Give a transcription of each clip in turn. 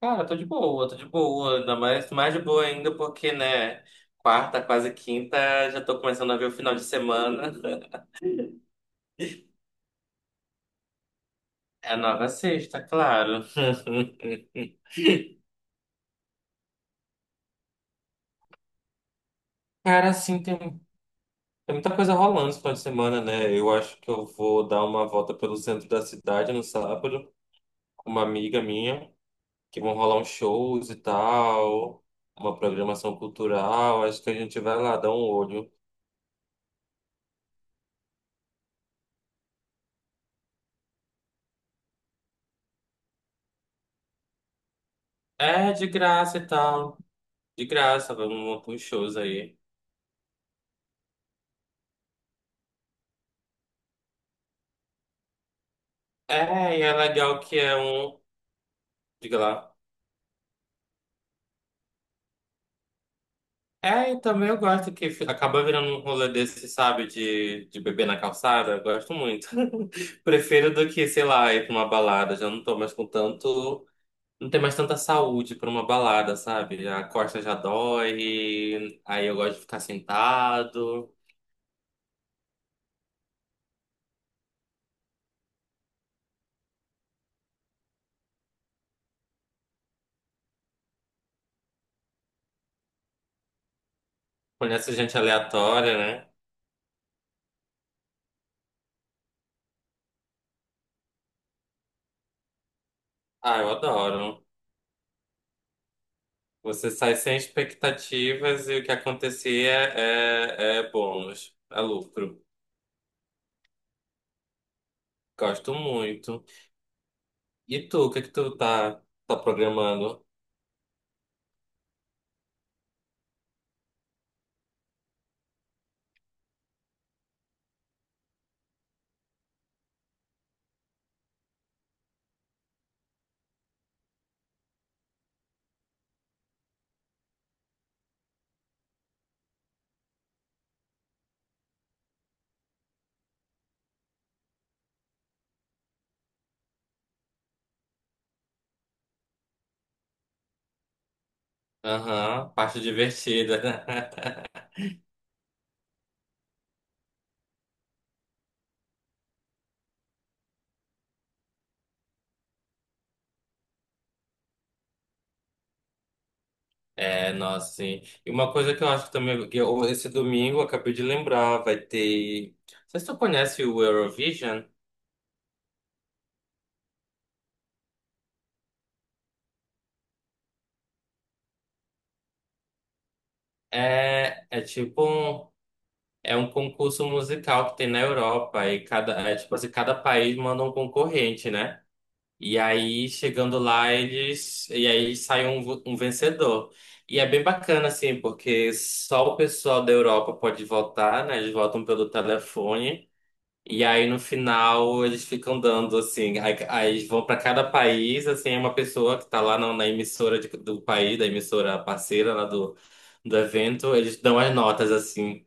Cara, tô de boa, ainda mais de boa ainda porque, né, quarta, quase quinta, já tô começando a ver o final de semana. É a nova sexta, claro. Cara, assim, tem muita coisa rolando esse final de semana, né? Eu acho que eu vou dar uma volta pelo centro da cidade no sábado com uma amiga minha, que vão rolar uns shows e tal, uma programação cultural. Acho que a gente vai lá dar um olho. É, de graça e tal. De graça, vamos para os shows aí. É, e é legal que é um. Diga lá. É, e também eu gosto que acaba virando um rolê desse, sabe, de beber na calçada. Eu gosto muito. Prefiro do que, sei lá, ir pra uma balada. Já não tô mais com tanto. Não tem mais tanta saúde pra uma balada, sabe? A costa já dói, aí eu gosto de ficar sentado. Conhece gente aleatória, né? Ah, eu adoro. Você sai sem expectativas e o que acontecer é, bônus, é lucro. Gosto muito. E tu, o que que tu tá programando? Aham, parte divertida. É, nossa, sim. E uma coisa que eu acho que também, esse domingo, eu acabei de lembrar, vai ter. Não sei se tu conhece o Eurovision. É é um concurso musical que tem na Europa e é tipo assim, cada país manda um concorrente, né? E aí, chegando lá, eles. E aí sai um vencedor. E é bem bacana, assim, porque só o pessoal da Europa pode votar, né? Eles votam pelo telefone. E aí, no final, eles ficam dando, assim. Aí eles vão para cada país, assim, é uma pessoa que tá lá na emissora do país, da emissora parceira lá do evento, eles dão as notas, assim.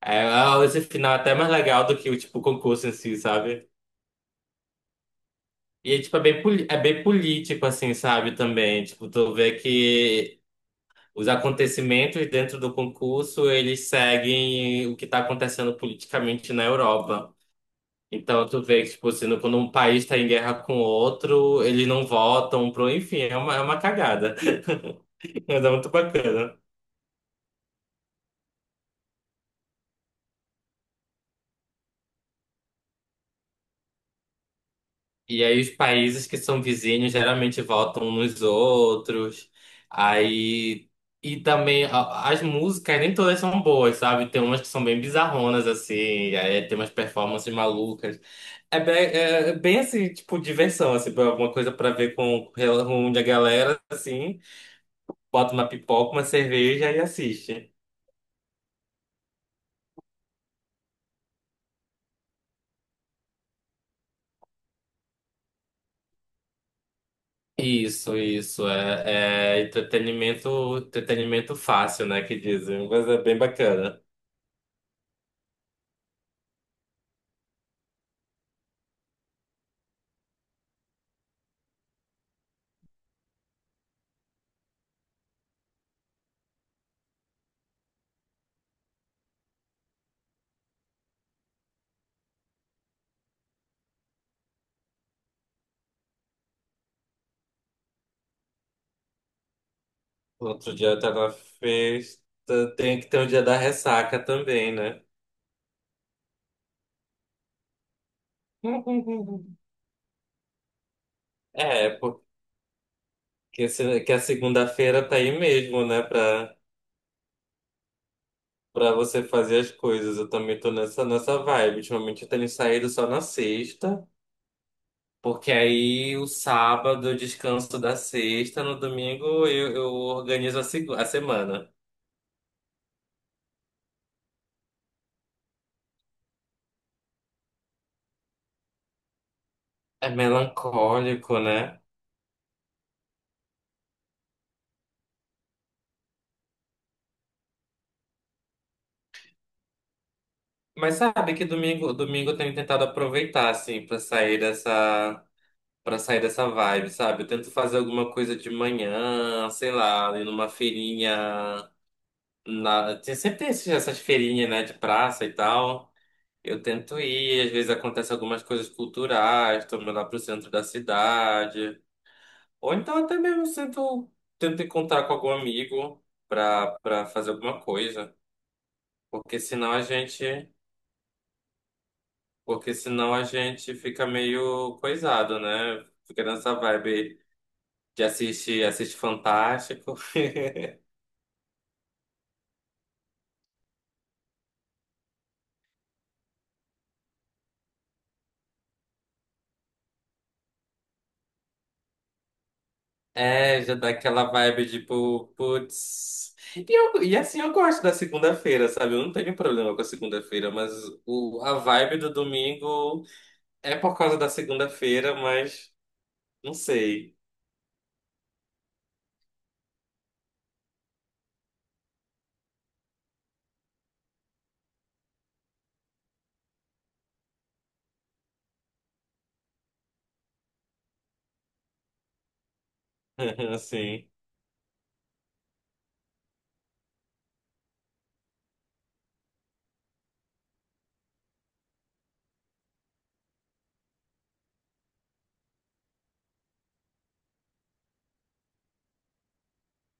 É, ah, esse final é até mais legal do que o tipo concurso em si, sabe? E, é, tipo, é bem político, assim, sabe, também. Tipo, tu vê que os acontecimentos dentro do concurso, eles seguem o que está acontecendo politicamente na Europa. Então, tu vê que, tipo, assim, quando um país está em guerra com outro, eles não votam pro... Enfim, é uma cagada. Mas é muito bacana. E aí os países que são vizinhos geralmente votam uns nos outros. Aí e também as músicas nem todas são boas, sabe? Tem umas que são bem bizarronas assim, aí tem umas performances malucas. É bem assim, tipo diversão, assim, alguma coisa pra ver com a galera assim, bota uma pipoca, uma cerveja e assiste. Isso é entretenimento fácil, né, que dizem, mas é bem bacana. No outro dia tá na festa, tem que ter o dia da ressaca também, né? É, porque que a segunda-feira tá aí mesmo, né? Pra você fazer as coisas. Eu também tô nessa vibe. Ultimamente eu tenho saído só na sexta, porque aí o sábado eu descanso da sexta, no domingo eu organizo a semana. É melancólico, né? Mas sabe que domingo, domingo eu tenho tentado aproveitar, assim, pra sair dessa. Pra sair dessa vibe, sabe? Eu tento fazer alguma coisa de manhã, sei lá, ir numa feirinha. Sempre tem essas feirinhas, né, de praça e tal. Eu tento ir, às vezes acontece algumas coisas culturais, tô indo lá pro centro da cidade. Ou então até mesmo tento encontrar com algum amigo pra fazer alguma coisa. Porque senão a gente, porque senão a gente fica meio coisado, né? Fica nessa vibe. Já assiste Fantástico. É, já dá aquela vibe tipo, putz. E assim, eu gosto da segunda-feira, sabe? Eu não tenho problema com a segunda-feira, mas a vibe do domingo é por causa da segunda-feira, mas não sei. Assim.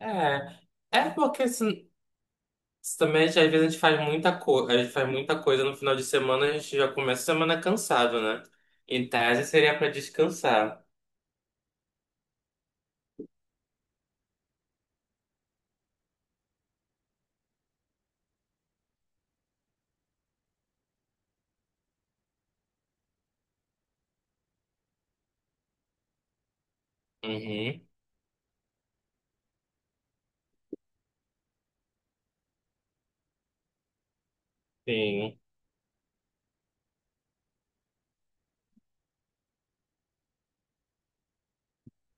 É. É porque assim, também às vezes a gente faz muita coisa, a gente faz muita coisa no final de semana, a gente já começa a semana cansado, né? Em tese seria pra descansar. Uhum. Sim.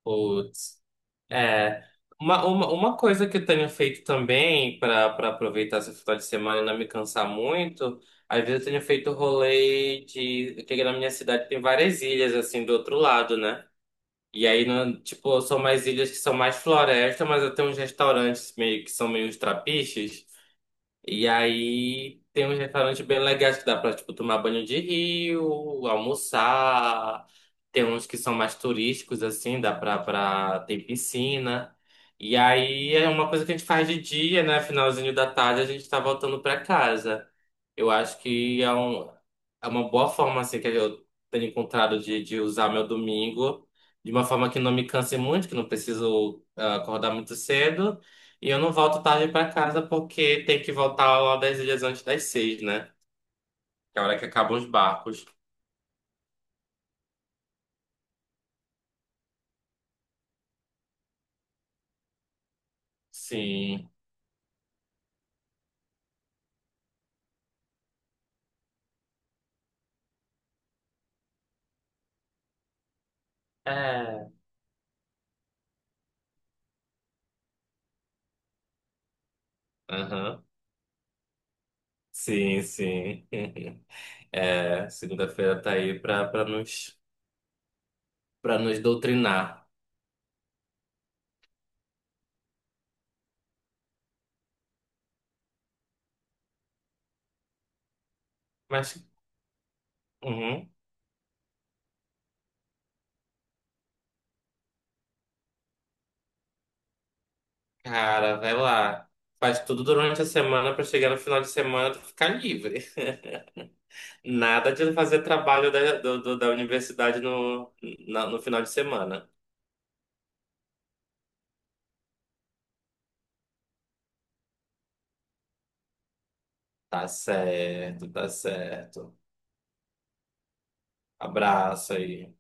Putz. É, uma coisa que eu tenho feito também para aproveitar esse final de semana e não me cansar muito, às vezes eu tenho feito rolê de. Porque na minha cidade tem várias ilhas, assim, do outro lado, né? E aí, não, tipo, são mais ilhas que são mais floresta, mas eu tenho uns restaurantes meio que são meio os trapiches. E aí tem uns restaurantes bem legais que dá pra, tipo, tomar banho de rio, almoçar. Tem uns que são mais turísticos, assim, dá pra, pra ter piscina. E aí é uma coisa que a gente faz de dia, né? Finalzinho da tarde a gente tá voltando pra casa. Eu acho que é uma boa forma, assim, que eu tenho encontrado de usar meu domingo de uma forma que não me canse muito, que não preciso acordar muito cedo. E eu não volto tarde pra casa porque tem que voltar lá das ilhas antes das 6, né? Que é a hora que acabam os barcos. Sim. É. Aham. Sim, sim. É, segunda-feira tá aí pra nos doutrinar. Mas, uhum, cara, vai lá. Faz tudo durante a semana pra chegar no final de semana tu ficar livre. Nada de fazer trabalho da universidade no final de semana. Tá certo, tá certo. Abraça e